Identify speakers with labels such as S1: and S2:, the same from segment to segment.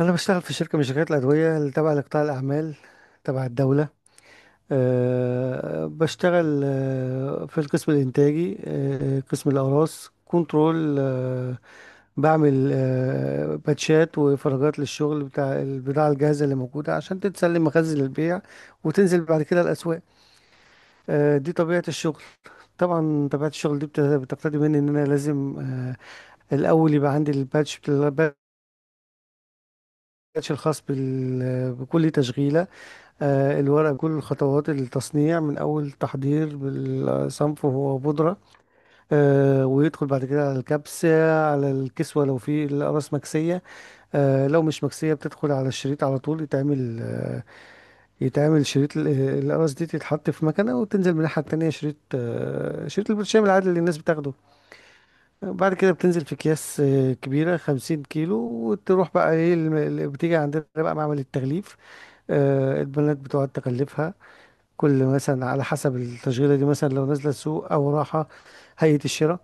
S1: أنا بشتغل في شركة من شركات الأدوية اللي تبع لقطاع الأعمال تبع الدولة. بشتغل في القسم الإنتاجي، قسم الأقراص كنترول. بعمل باتشات وفراغات للشغل بتاع البضاعة الجاهزة اللي موجودة عشان تتسلم مخازن للبيع وتنزل بعد كده الأسواق. دي طبيعة الشغل. طبعا طبيعة الشغل دي بتقتضي مني إن أنا لازم الأول يبقى عندي الباتش الخاص بكل تشغيلة. الورق، كل خطوات التصنيع من أول تحضير بالصنف وهو بودرة، ويدخل بعد كده على الكبسة، على الكسوة لو في الأقراص مكسية. لو مش مكسية بتدخل على الشريط على طول، يتعمل يتعمل شريط. الأقراص دي تتحط في مكنة وتنزل من الناحية التانية شريط، شريط البرشام العادي اللي الناس بتاخده. بعد كده بتنزل في أكياس كبيرة، خمسين كيلو، وتروح بقى ايه اللي بتيجي عندنا بقى معمل التغليف. البنات بتقعد تغلفها. كل مثلا على حسب التشغيلة دي، مثلا لو نازلة سوق أو راحة هيئة الشراء،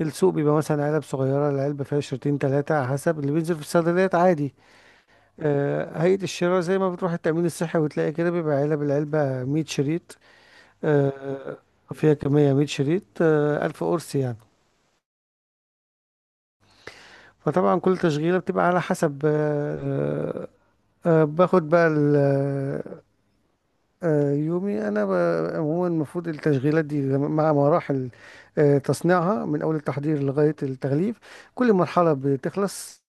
S1: السوق بيبقى مثلا علب صغيرة، العلبة فيها شريطين تلاتة على حسب اللي بينزل في الصيدليات عادي. هيئة الشراء زي ما بتروح التأمين الصحي وتلاقي كده، بيبقى علب، العلبة مية شريط. آه، فيها كمية مية شريط، ألف قرص يعني. فطبعا كل تشغيلة بتبقى على حسب آه، باخد بقى يومي انا عموما، المفروض التشغيلات دي مع مراحل تصنيعها من اول التحضير لغايه التغليف. كل مرحله بتخلص،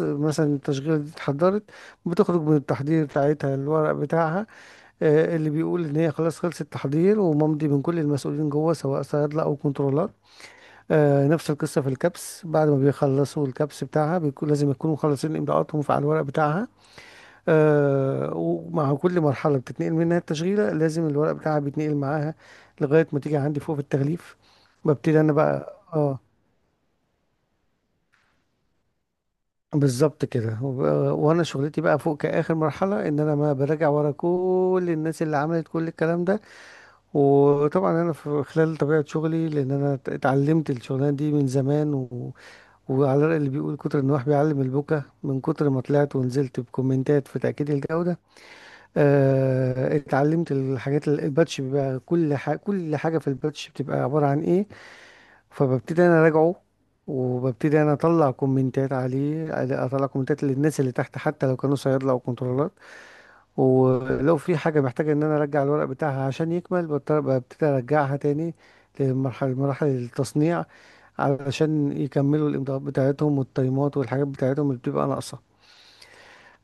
S1: مثلا التشغيله دي اتحضرت، بتخرج من التحضير بتاعتها الورق بتاعها اللي بيقول ان هي خلاص خلصت التحضير وممضي من كل المسؤولين جوه، سواء صيادله او كنترولات. نفس القصه في الكبس، بعد ما بيخلصوا الكبس بتاعها بيكون لازم يكونوا مخلصين امضاءاتهم على الورق بتاعها. ومع كل مرحلة بتتنقل منها التشغيلة لازم الورق بتاعها بيتنقل معاها لغاية ما تيجي عندي فوق في التغليف. ببتدي أنا بقى بالظبط كده. وأنا شغلتي بقى فوق كآخر مرحلة إن أنا ما براجع ورا كل الناس اللي عملت كل الكلام ده. وطبعا أنا في خلال طبيعة شغلي، لأن أنا اتعلمت الشغلانة دي من زمان و... وعلى الرأي اللي بيقول كتر النواح بيعلم البكا، من كتر ما طلعت ونزلت بكومنتات في تأكيد الجودة اتعلمت الحاجات الباتش بيبقى كل حاجة في الباتش بتبقى عبارة عن ايه. فببتدي انا اراجعه، وببتدي انا اطلع كومنتات عليه، اطلع كومنتات للناس اللي تحت حتى لو كانوا صيادله او كنترولات. ولو في حاجه محتاجه ان انا ارجع الورق بتاعها عشان يكمل ببتدي ارجعها تاني لمرحله، مراحل التصنيع، علشان يكملوا الامضاءات بتاعتهم والتايمات والحاجات بتاعتهم اللي بتبقى ناقصه.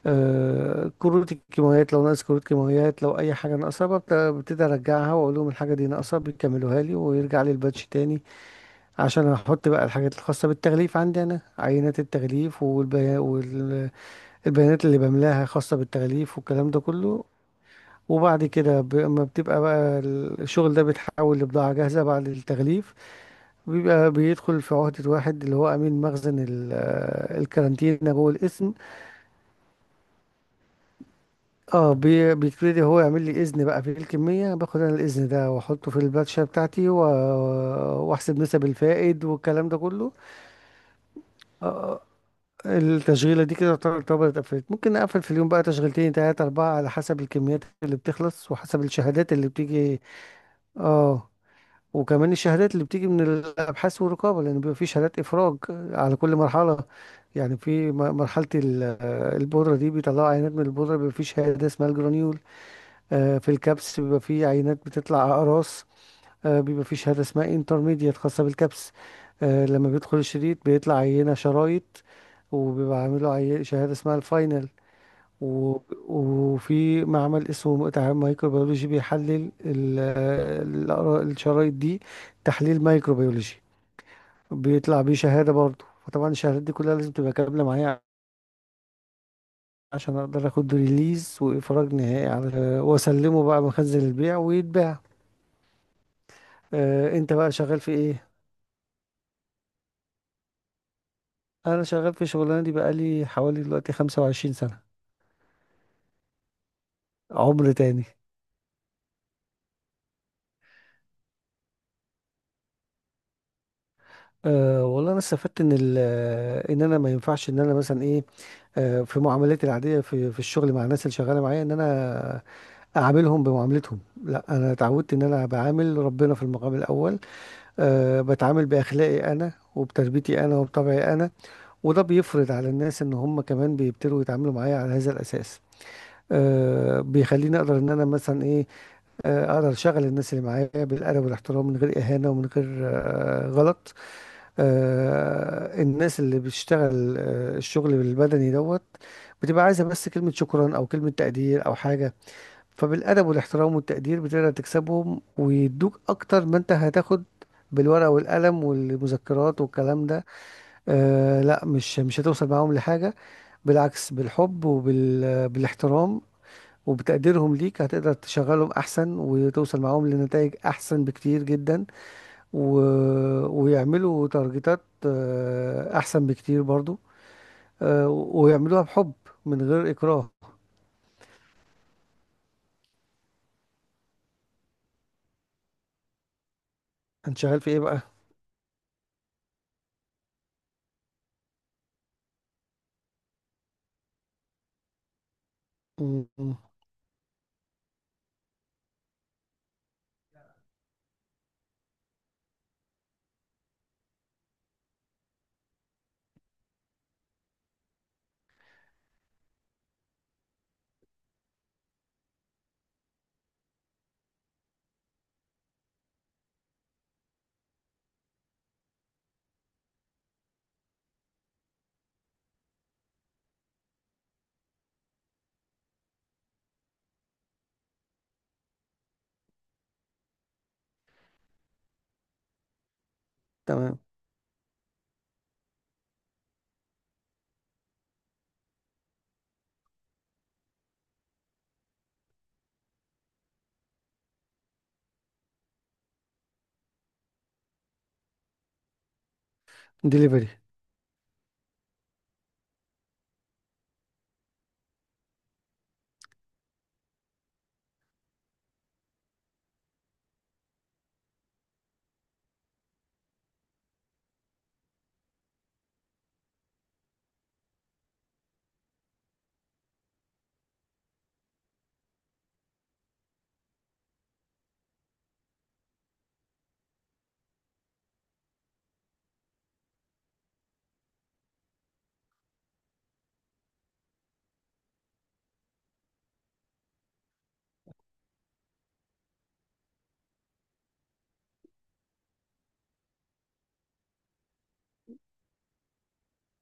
S1: كروت الكيماويات، لو ناقص كروت كيماويات لو اي حاجه ناقصه ببتدي ارجعها واقول لهم الحاجه دي ناقصه، بيكملوها لي ويرجع لي الباتش تاني عشان احط بقى الحاجات الخاصه بالتغليف عندي انا، عينات التغليف والبيانات اللي بملاها خاصه بالتغليف والكلام ده كله. وبعد كده اما بتبقى بقى الشغل ده بيتحول لبضاعه جاهزه بعد التغليف، بيبقى بيدخل في عهده واحد اللي هو امين مخزن الكارانتينا جوه القسم. اه بيبتدي هو يعمل لي اذن بقى في الكميه، باخد انا الاذن ده واحطه في الباتشه بتاعتي واحسب نسب الفائد والكلام ده كله. آه، التشغيله دي كده تعتبر اتقفلت. ممكن نقفل في اليوم بقى تشغيلتين، تلاته، اربعه، على حسب الكميات اللي بتخلص وحسب الشهادات اللي بتيجي. اه، وكمان الشهادات اللي بتيجي من الابحاث والرقابه، لان بيبقى في شهادات افراج على كل مرحله. يعني في مرحله البودره دي بيطلعوا عينات من البودره، بيبقى في شهاده اسمها الجرانيول. في الكبس بيبقى فيه عينات بتطلع أقراص، بيبقى فيه شهادة اسمها انترميديت خاصة بالكبس. لما بيدخل الشريط بيطلع عينة شرايط، وبيبقى عامله شهادة اسمها الفاينل. و- وفي معمل اسمه تعامل مايكروبيولوجي بيحلل الشرايط دي، تحليل مايكروبيولوجي، بيطلع بيه شهادة برضه. فطبعا الشهادات دي كلها لازم تبقى كاملة معايا عشان اقدر اخد ريليز واخراج نهائي على واسلمه بقى مخزن البيع ويتباع. انت بقى شغال في ايه؟ انا شغال في الشغلانه دي بقالي حوالي دلوقتي 25 سنه. عمر تاني. أه والله انا استفدت ان ان انا ما ينفعش ان انا مثلا ايه، أه في معاملاتي العاديه في الشغل مع الناس اللي شغاله معايا، ان انا اعاملهم بمعاملتهم. لا، انا اتعودت ان انا بعامل ربنا في المقام الاول. أه بتعامل باخلاقي انا وبتربيتي انا وبطبعي انا، وده بيفرض على الناس ان هم كمان بيبتدوا يتعاملوا معايا على هذا الاساس. أه بيخليني اقدر ان انا مثلا ايه، اقدر اشغل الناس اللي معايا بالادب والاحترام، من غير اهانه ومن غير غلط. الناس اللي بتشتغل الشغل البدني دوت بتبقى عايزه بس كلمه شكرا او كلمه تقدير او حاجه. فبالادب والاحترام والتقدير بتقدر تكسبهم ويدوك اكتر ما انت هتاخد بالورقه والقلم والمذكرات والكلام ده. لا، مش هتوصل معاهم لحاجه. بالعكس، بالحب وبالاحترام وبتقديرهم ليك هتقدر تشغلهم احسن وتوصل معاهم لنتائج احسن بكتير جدا و... ويعملوا تارجتات احسن بكتير برضو، ويعملوها بحب من غير اكراه. انت شغال في ايه بقى؟ م- م- تمام. ديليفري.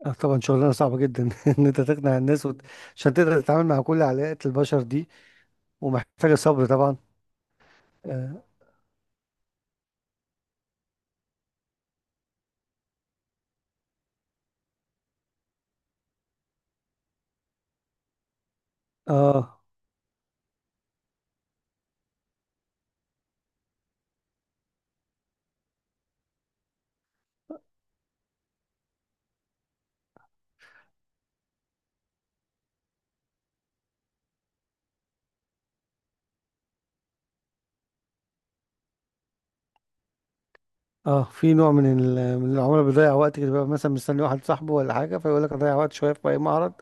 S1: طبعا شغلانه صعبه جدا ان انت تقنع الناس وت... عشان تقدر تتعامل مع كل علاقات البشر دي، ومحتاجه صبر طبعا. اه. آه. اه، في نوع من من العملاء بيضيع وقت كده، بيبقى مثلا مستني واحد صاحبه ولا حاجه فيقول لك اضيع وقت شويه في اي معرض.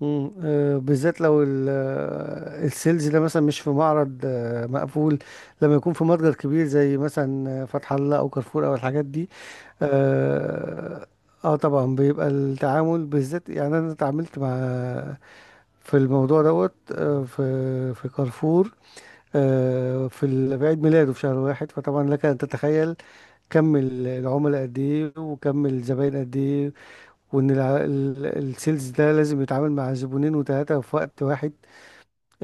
S1: مم. بالذات لو السيلز ده مثلا مش في معرض مقفول، لما يكون في متجر كبير زي مثلا فتح الله او كارفور او الحاجات دي. اه, طبعا بيبقى التعامل بالذات، يعني انا اتعاملت مع في الموضوع دوت في كارفور. في في عيد ميلاده في شهر واحد، فطبعا لك ان تتخيل كم العملاء قد ايه وكم الزباين قد ايه، وان السيلز ده لازم يتعامل مع زبونين وثلاثة في وقت واحد.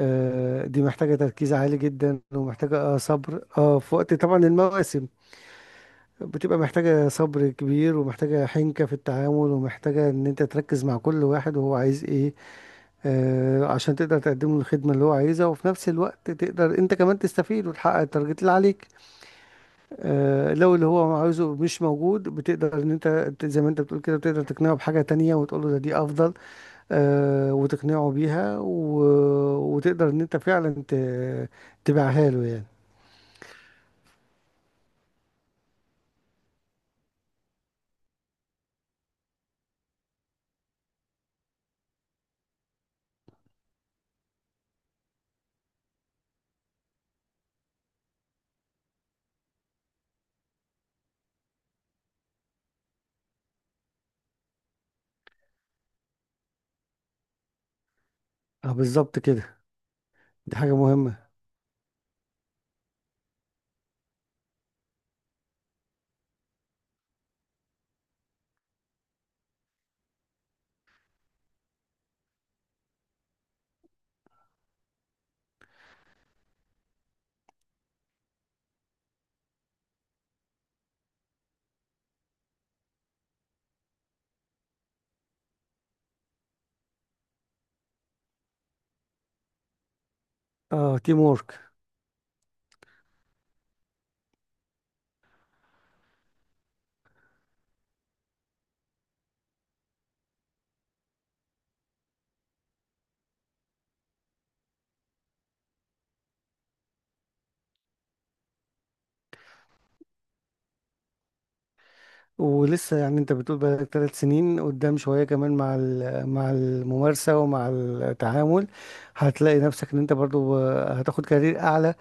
S1: دي محتاجة تركيز عالي جدا ومحتاجة صبر، اه، في وقت طبعا المواسم بتبقى محتاجة صبر كبير، ومحتاجة حنكة في التعامل، ومحتاجة ان انت تركز مع كل واحد وهو عايز ايه. عشان تقدر تقدم له الخدمة اللي هو عايزها، وفي نفس الوقت تقدر انت كمان تستفيد وتحقق التارجت اللي عليك. لو اللي هو عاوزه مش موجود بتقدر ان انت زي ما انت بتقول كده، بتقدر تقنعه بحاجة تانية وتقول له ده دي افضل، وتقنعه بيها و... وتقدر ان انت فعلا ت... تبيعها له يعني. اه بالظبط كده. دي حاجة مهمة. اه، تيم وورك. ولسه يعني انت بتقول بقالك ثلاث سنين، قدام شوية كمان مع مع الممارسة ومع التعامل هتلاقي نفسك ان انت برضو هتاخد كارير اعلى.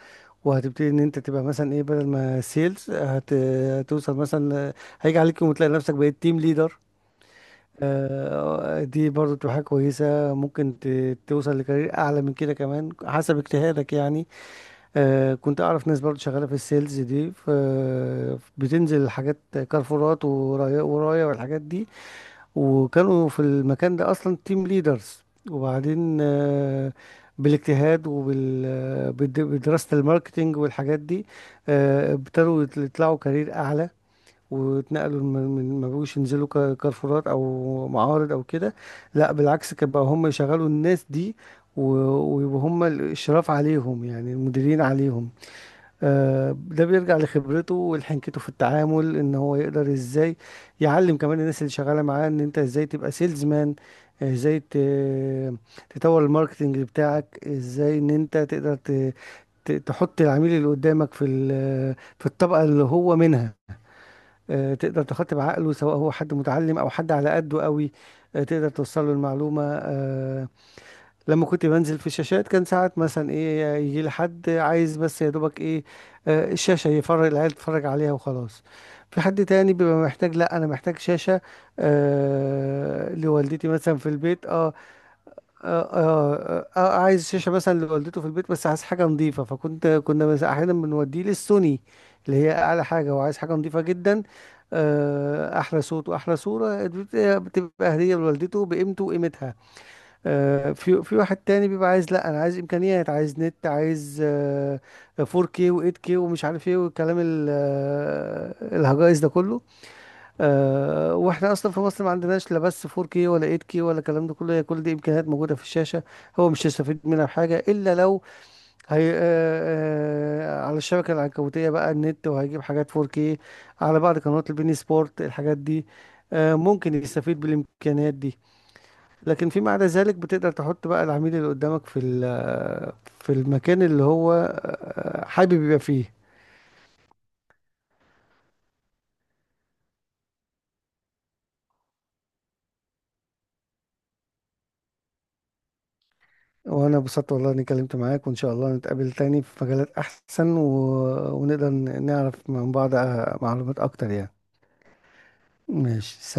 S1: وهتبتدي ان انت تبقى مثلا ايه، بدل ما سيلز هت... هتوصل مثلا، هيجي عليك يوم وتلاقي نفسك بقيت تيم ليدر. دي برضو تبقى حاجة كويسة، ممكن ت... توصل لكارير اعلى من كده كمان حسب اجتهادك يعني. كنت اعرف ناس برضو شغاله في السيلز دي، ف بتنزل الحاجات كارفورات ورايا والحاجات دي، وكانوا في المكان ده اصلا تيم ليدرز. وبعدين بالاجتهاد وبدراسه الماركتينج والحاجات دي ابتدوا يطلعوا كارير اعلى، واتنقلوا ما بقوش ينزلوا كارفورات او معارض او كده. لا بالعكس، كان بقى هم يشغلوا الناس دي و- وهم الاشراف عليهم، يعني المديرين عليهم. ده بيرجع لخبرته ولحنكته في التعامل، ان هو يقدر ازاي يعلم كمان الناس اللي شغاله معاه ان انت ازاي تبقى سيلز مان، ازاي تطور الماركتنج بتاعك، ازاي ان انت تقدر تحط العميل اللي قدامك في في الطبقه اللي هو منها. تقدر تخاطب عقله سواء هو حد متعلم او حد على قده قوي، تقدر توصل له المعلومه. لما كنت بنزل في الشاشات كان ساعات مثلا ايه، يجي لي حد عايز بس يا دوبك ايه الشاشة يفرج العيال تتفرج عليها وخلاص. في حد تاني بيبقى محتاج، لا انا محتاج شاشة لوالدتي مثلا في البيت. اه. عايز شاشة مثلا لوالدته في البيت بس عايز حاجة نظيفة، فكنت كنا مثلا احيانا بنوديه للسوني، اللي هي اعلى حاجة وعايز حاجة نظيفة جدا، احلى صوت واحلى صورة، بتبقى هدية لوالدته بقيمته وقيمتها. في واحد تاني بيبقى عايز، لا انا عايز امكانيات، عايز نت، عايز 4K و8K ومش عارف ايه والكلام الهجائز ده كله. واحنا اصلا في مصر ما عندناش لا بس 4K ولا 8K ولا الكلام ده كله، هي كل دي امكانيات موجوده في الشاشه، هو مش هيستفيد منها بحاجه الا لو هي على الشبكه العنكبوتيه بقى النت، وهيجيب حاجات 4K على بعض قنوات البين سبورت الحاجات دي. ممكن يستفيد بالامكانيات دي. لكن فيما عدا ذلك بتقدر تحط بقى العميل اللي قدامك في في المكان اللي هو حابب يبقى فيه. وانا انبسطت والله اني اتكلمت معاك، وان شاء الله نتقابل تاني في مجالات احسن و... ونقدر نعرف من بعض معلومات اكتر يعني. ماشي.